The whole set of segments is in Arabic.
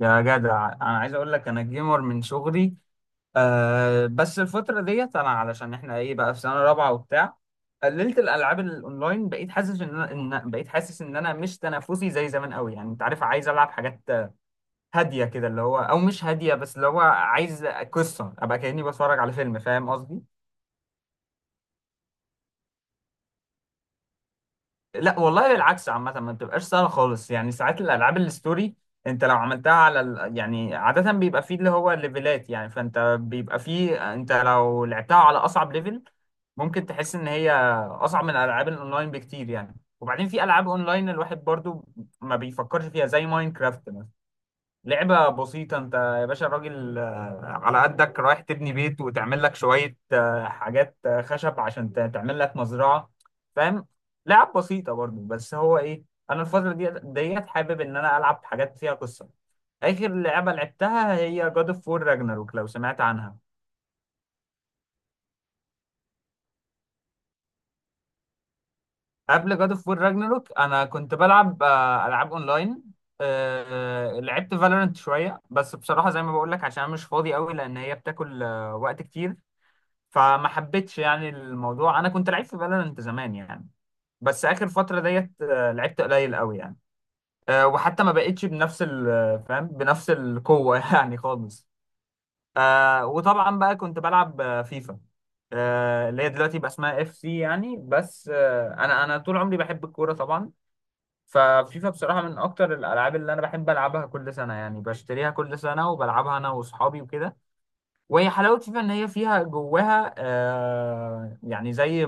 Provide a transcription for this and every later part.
يا جدع، انا عايز اقول لك انا جيمر من صغري. آه، بس الفتره ديت انا علشان احنا ايه بقى في سنه رابعه وبتاع، قللت الالعاب الاونلاين. بقيت حاسس ان بقيت حاسس ان انا مش تنافسي زي زمان قوي، يعني انت عارف عايز العب حاجات هاديه كده، اللي هو او مش هاديه، بس اللي هو عايز قصه ابقى كاني بتفرج على فيلم، فاهم قصدي؟ لا والله، بالعكس، عامة ما بتبقاش سهلة خالص يعني. ساعات الألعاب الستوري أنت لو عملتها على يعني عادة بيبقى فيه اللي هو الليفلات يعني، فأنت بيبقى فيه أنت لو لعبتها على أصعب ليفل ممكن تحس إن هي أصعب من الألعاب الأونلاين بكتير يعني. وبعدين في ألعاب أونلاين الواحد برضو ما بيفكرش فيها، زي ماينكرافت. لعبة بسيطة. انت يا باشا الراجل على قدك رايح تبني بيت وتعمل لك شوية حاجات، خشب عشان تعمل لك مزرعة، فاهم. لعب بسيطة برضو، بس هو ايه، انا الفترة دي ديت حابب ان انا العب حاجات فيها قصة. اخر لعبة لعبتها هي جاد اوف وور راجناروك، لو سمعت عنها. قبل جاد اوف وور راجناروك انا كنت بلعب العاب اونلاين. لعبت فالورنت شوية، بس بصراحة زي ما بقول لك عشان انا مش فاضي قوي لان هي بتاكل وقت كتير، فما حبيتش يعني الموضوع. انا كنت لعيب في فالورانت زمان يعني، بس اخر فتره ديت لعبت قليل قوي يعني. وحتى ما بقتش فاهم، بنفس القوه يعني خالص. وطبعا بقى كنت بلعب فيفا، اللي هي دلوقتي بقى اسمها اف سي يعني، بس انا طول عمري بحب الكوره طبعا. ففيفا بصراحه من اكتر الالعاب اللي انا بحب العبها. كل سنه يعني بشتريها كل سنه وبلعبها انا واصحابي وكده. وهي حلاوة فيفا إن هي فيها جواها آه يعني زي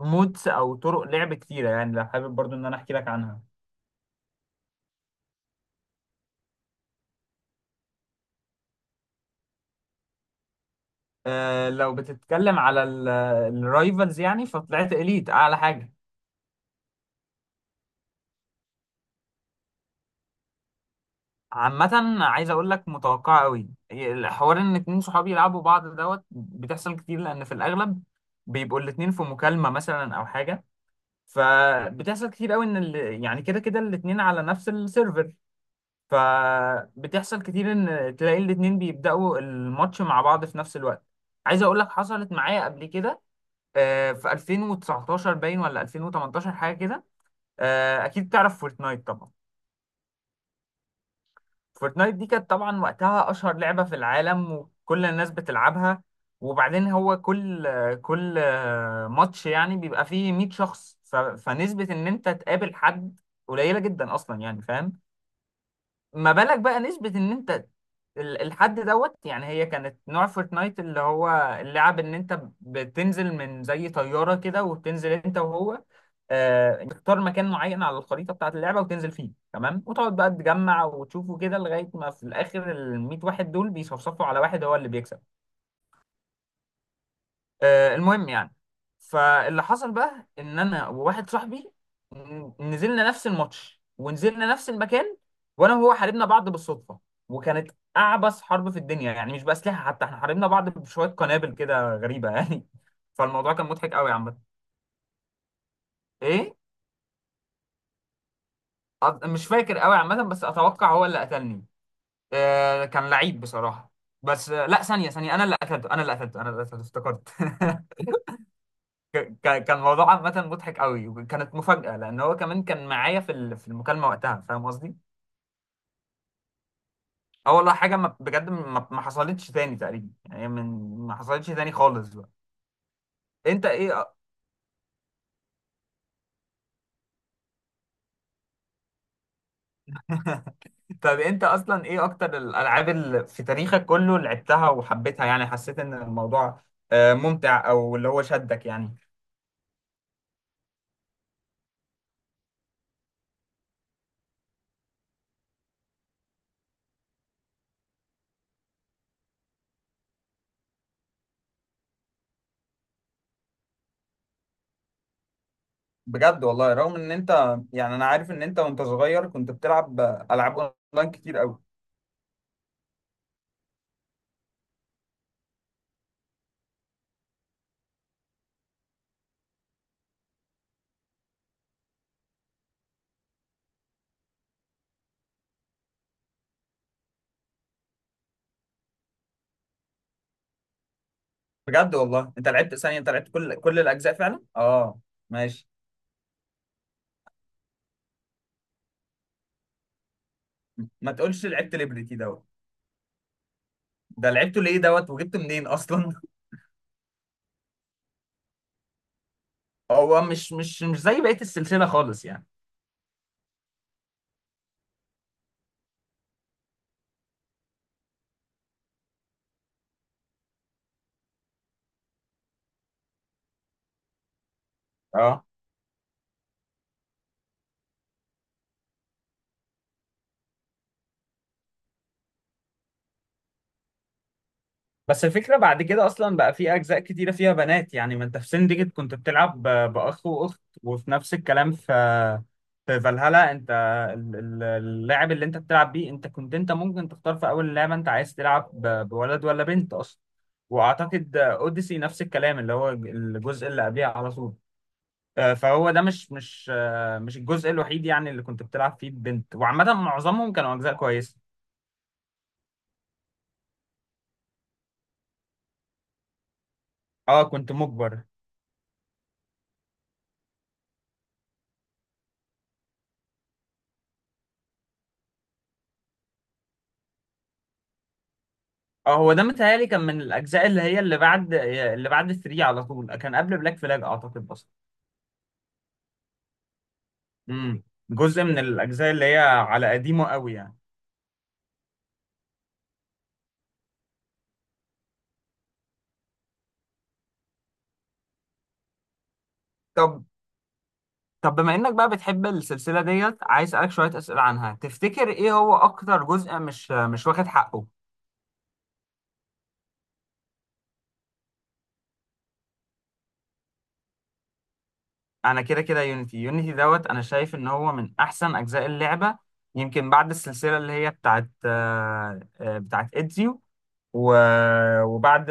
مودز أو طرق لعب كتيرة، يعني لو حابب برضو إن أنا أحكي لك عنها. آه، لو بتتكلم على الرايفلز يعني، فطلعت إليت أعلى حاجة. عامة عايز أقول لك متوقعة أوي الحوار إن اتنين صحابي يلعبوا بعض دوت، بتحصل كتير لأن في الأغلب بيبقوا الاتنين في مكالمة مثلا أو حاجة. فبتحصل كتير أوي إن يعني كده كده الاتنين على نفس السيرفر. فبتحصل كتير ان تلاقي الاتنين بيبدأوا الماتش مع بعض في نفس الوقت. عايز اقول لك حصلت معايا قبل كده في 2019 باين ولا 2018، حاجة كده. اكيد تعرف فورتنايت طبعا. فورتنايت دي كانت طبعا وقتها اشهر لعبة في العالم وكل الناس بتلعبها. وبعدين هو كل ماتش يعني بيبقى فيه 100 شخص، فنسبة ان انت تقابل حد قليلة جدا اصلا يعني، فاهم. ما بالك بقى نسبة ان انت الحد دوت. يعني هي كانت نوع فورتنايت اللي هو اللعب ان انت بتنزل من زي طيارة كده، وبتنزل انت وهو تختار مكان معين على الخريطة بتاعة اللعبة وتنزل فيه، تمام، وتقعد بقى تجمع وتشوفه كده لغاية ما في الآخر ال 100 واحد دول بيصفصفوا على واحد هو اللي بيكسب. المهم يعني، فاللي حصل بقى ان انا وواحد صاحبي نزلنا نفس الماتش ونزلنا نفس المكان، وانا وهو حاربنا بعض بالصدفه. وكانت اعبث حرب في الدنيا يعني، مش باسلحه حتى، احنا حاربنا بعض بشويه قنابل كده غريبه يعني فالموضوع كان مضحك قوي عامه. ايه؟ مش فاكر قوي عامه، بس اتوقع هو اللي قتلني. آه كان لعيب بصراحه. بس لا، ثانيه ثانيه، انا اللي قتلته، انا اللي قتلته، انا اللي قتلته، افتكرت. كان الموضوع عامة مضحك قوي، وكانت مفاجأة لأن هو كمان كان معايا في في المكالمة وقتها، فاهم قصدي؟ اه والله حاجة، ما بجد، ما حصلتش تاني تقريبا يعني، من ما حصلتش تاني خالص بقى. أنت إيه طب أنت أصلا إيه أكتر الألعاب اللي في تاريخك كله اللي لعبتها وحبيتها يعني، حسيت إن الموضوع ممتع أو اللي هو شدك يعني؟ بجد والله، رغم إن أنت يعني، أنا عارف إن أنت وأنت صغير كنت بتلعب ألعاب أونلاين كتير قوي. بجد والله انت لعبت؟ ثانية، انت لعبت كل الاجزاء فعلا؟ اه. ماشي. ما تقولش لعبت ليبرتي دوت؟ ده لعبته ليه دوت، وجبته منين اصلا؟ هو مش زي بقية السلسلة خالص يعني. اه، بس الفكرة بعد كده أصلا بقى في أجزاء كتيرة فيها بنات يعني. ما أنت في سندجت كنت بتلعب بأخ وأخت، وفي نفس الكلام في فالهالا أنت اللاعب اللي أنت بتلعب بيه، أنت كنت، أنت ممكن تختار في أول اللعبة أنت عايز تلعب بولد ولا بنت أصلا. وأعتقد أوديسي نفس الكلام، اللي هو الجزء اللي قبليه على طول. فهو ده مش الجزء الوحيد يعني اللي كنت بتلعب فيه بنت، وعامة معظمهم كانوا أجزاء كويسة. أه كنت مجبر. اه، هو ده متهيألي كان من الأجزاء اللي هي اللي بعد اللي بعد 3 على طول، كان قبل بلاك فلاج أعتقد أصلا. امم جزء من الأجزاء اللي هي على قديمه قوي يعني. طب، بما إنك بقى بتحب السلسلة ديت، عايز أسألك شوية أسئلة عنها. تفتكر إيه هو أكتر جزء مش واخد حقه؟ أنا كده كده يونيتي. يونيتي دوت، أنا شايف إن هو من أحسن أجزاء اللعبة، يمكن بعد السلسلة اللي هي بتاعت بتاعت إدزيو، وبعد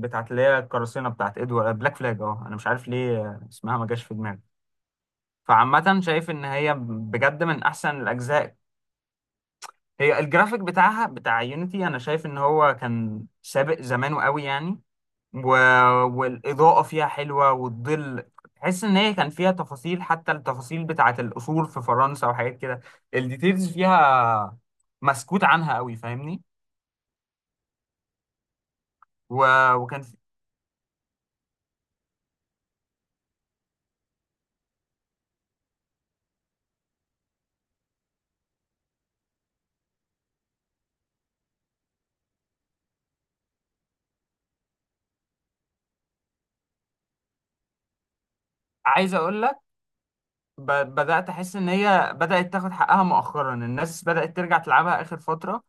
بتاعت اللي هي القراصنه بتاعت ادوارد، بلاك فلاج. اه، انا مش عارف ليه اسمها ما جاش في دماغي. فعامة شايف ان هي بجد من احسن الاجزاء. هي الجرافيك بتاعها بتاع يونيتي، انا شايف ان هو كان سابق زمانه قوي يعني. و... والاضاءة فيها حلوة والظل، تحس ان هي كان فيها تفاصيل، حتى التفاصيل بتاعت القصور في فرنسا وحاجات كده. الديتيلز فيها مسكوت عنها قوي، فاهمني. و... وكان في... عايز اقول لك، بدأت أحس إن هي بدأت تاخد حقها مؤخرا. الناس بدأت ترجع تلعبها آخر فترة،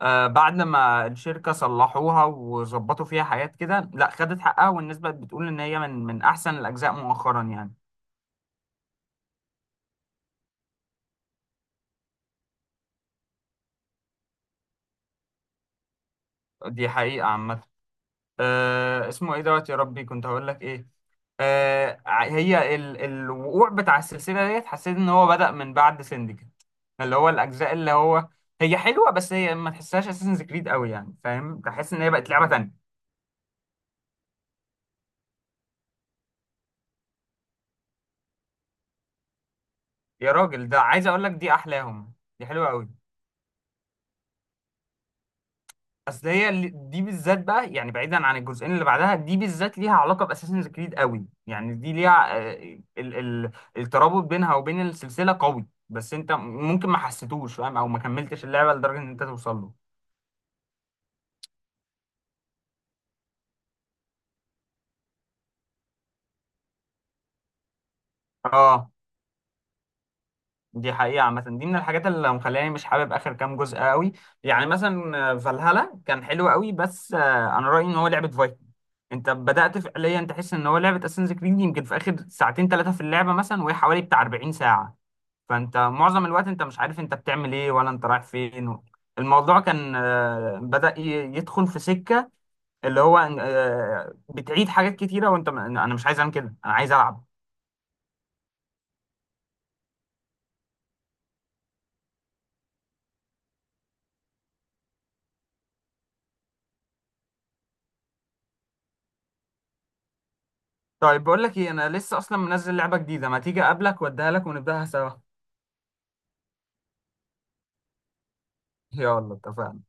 آه، بعد ما الشركة صلحوها وظبطوا فيها حاجات كده. لا، خدت حقها، والناس بقت بتقول إن هي من أحسن الأجزاء مؤخرا يعني. دي حقيقة عامة. آه اسمه إيه دوت، يا ربي كنت هقول لك إيه. آه هي الوقوع بتاع السلسلة ديت، حسيت إن هو بدأ من بعد سندكت، اللي هو الأجزاء اللي هو هي حلوة، بس هي ما تحسهاش أساسنز كريد قوي يعني، فاهم، تحس إن هي بقت لعبة تانية. يا راجل، ده عايز اقول لك دي احلاهم. دي حلوه قوي. اصل هي دي بالذات بقى، يعني بعيدا عن الجزئين اللي بعدها، دي بالذات ليها علاقه باساسنز كريد قوي يعني. دي ليها آه، ال الترابط بينها وبين السلسله قوي، بس انت ممكن ما حسيتوش فاهم، او ما كملتش اللعبه لدرجه ان انت توصل له. اه، دي حقيقة عامة. دي من الحاجات اللي مخلاني مش حابب آخر كام جزء قوي. يعني مثلا فالهالا كان حلو قوي، بس أنا رأيي إن هو لعبة فايكنج. أنت بدأت فعليا تحس إن هو لعبة أساسنز كريد يمكن في آخر ساعتين ثلاثة في اللعبة مثلا، وهي حوالي بتاع 40 ساعة. فأنت معظم الوقت أنت مش عارف أنت بتعمل إيه ولا أنت رايح فين. الموضوع كان، بدأ يدخل في سكة اللي هو بتعيد حاجات كتيرة، أنا مش عايز أعمل كده، أنا عايز ألعب. طيب، بقول لك ايه، انا لسه اصلا منزل لعبه جديده، ما تيجي اقابلك واديها لك ونبداها سوا؟ يلا اتفقنا.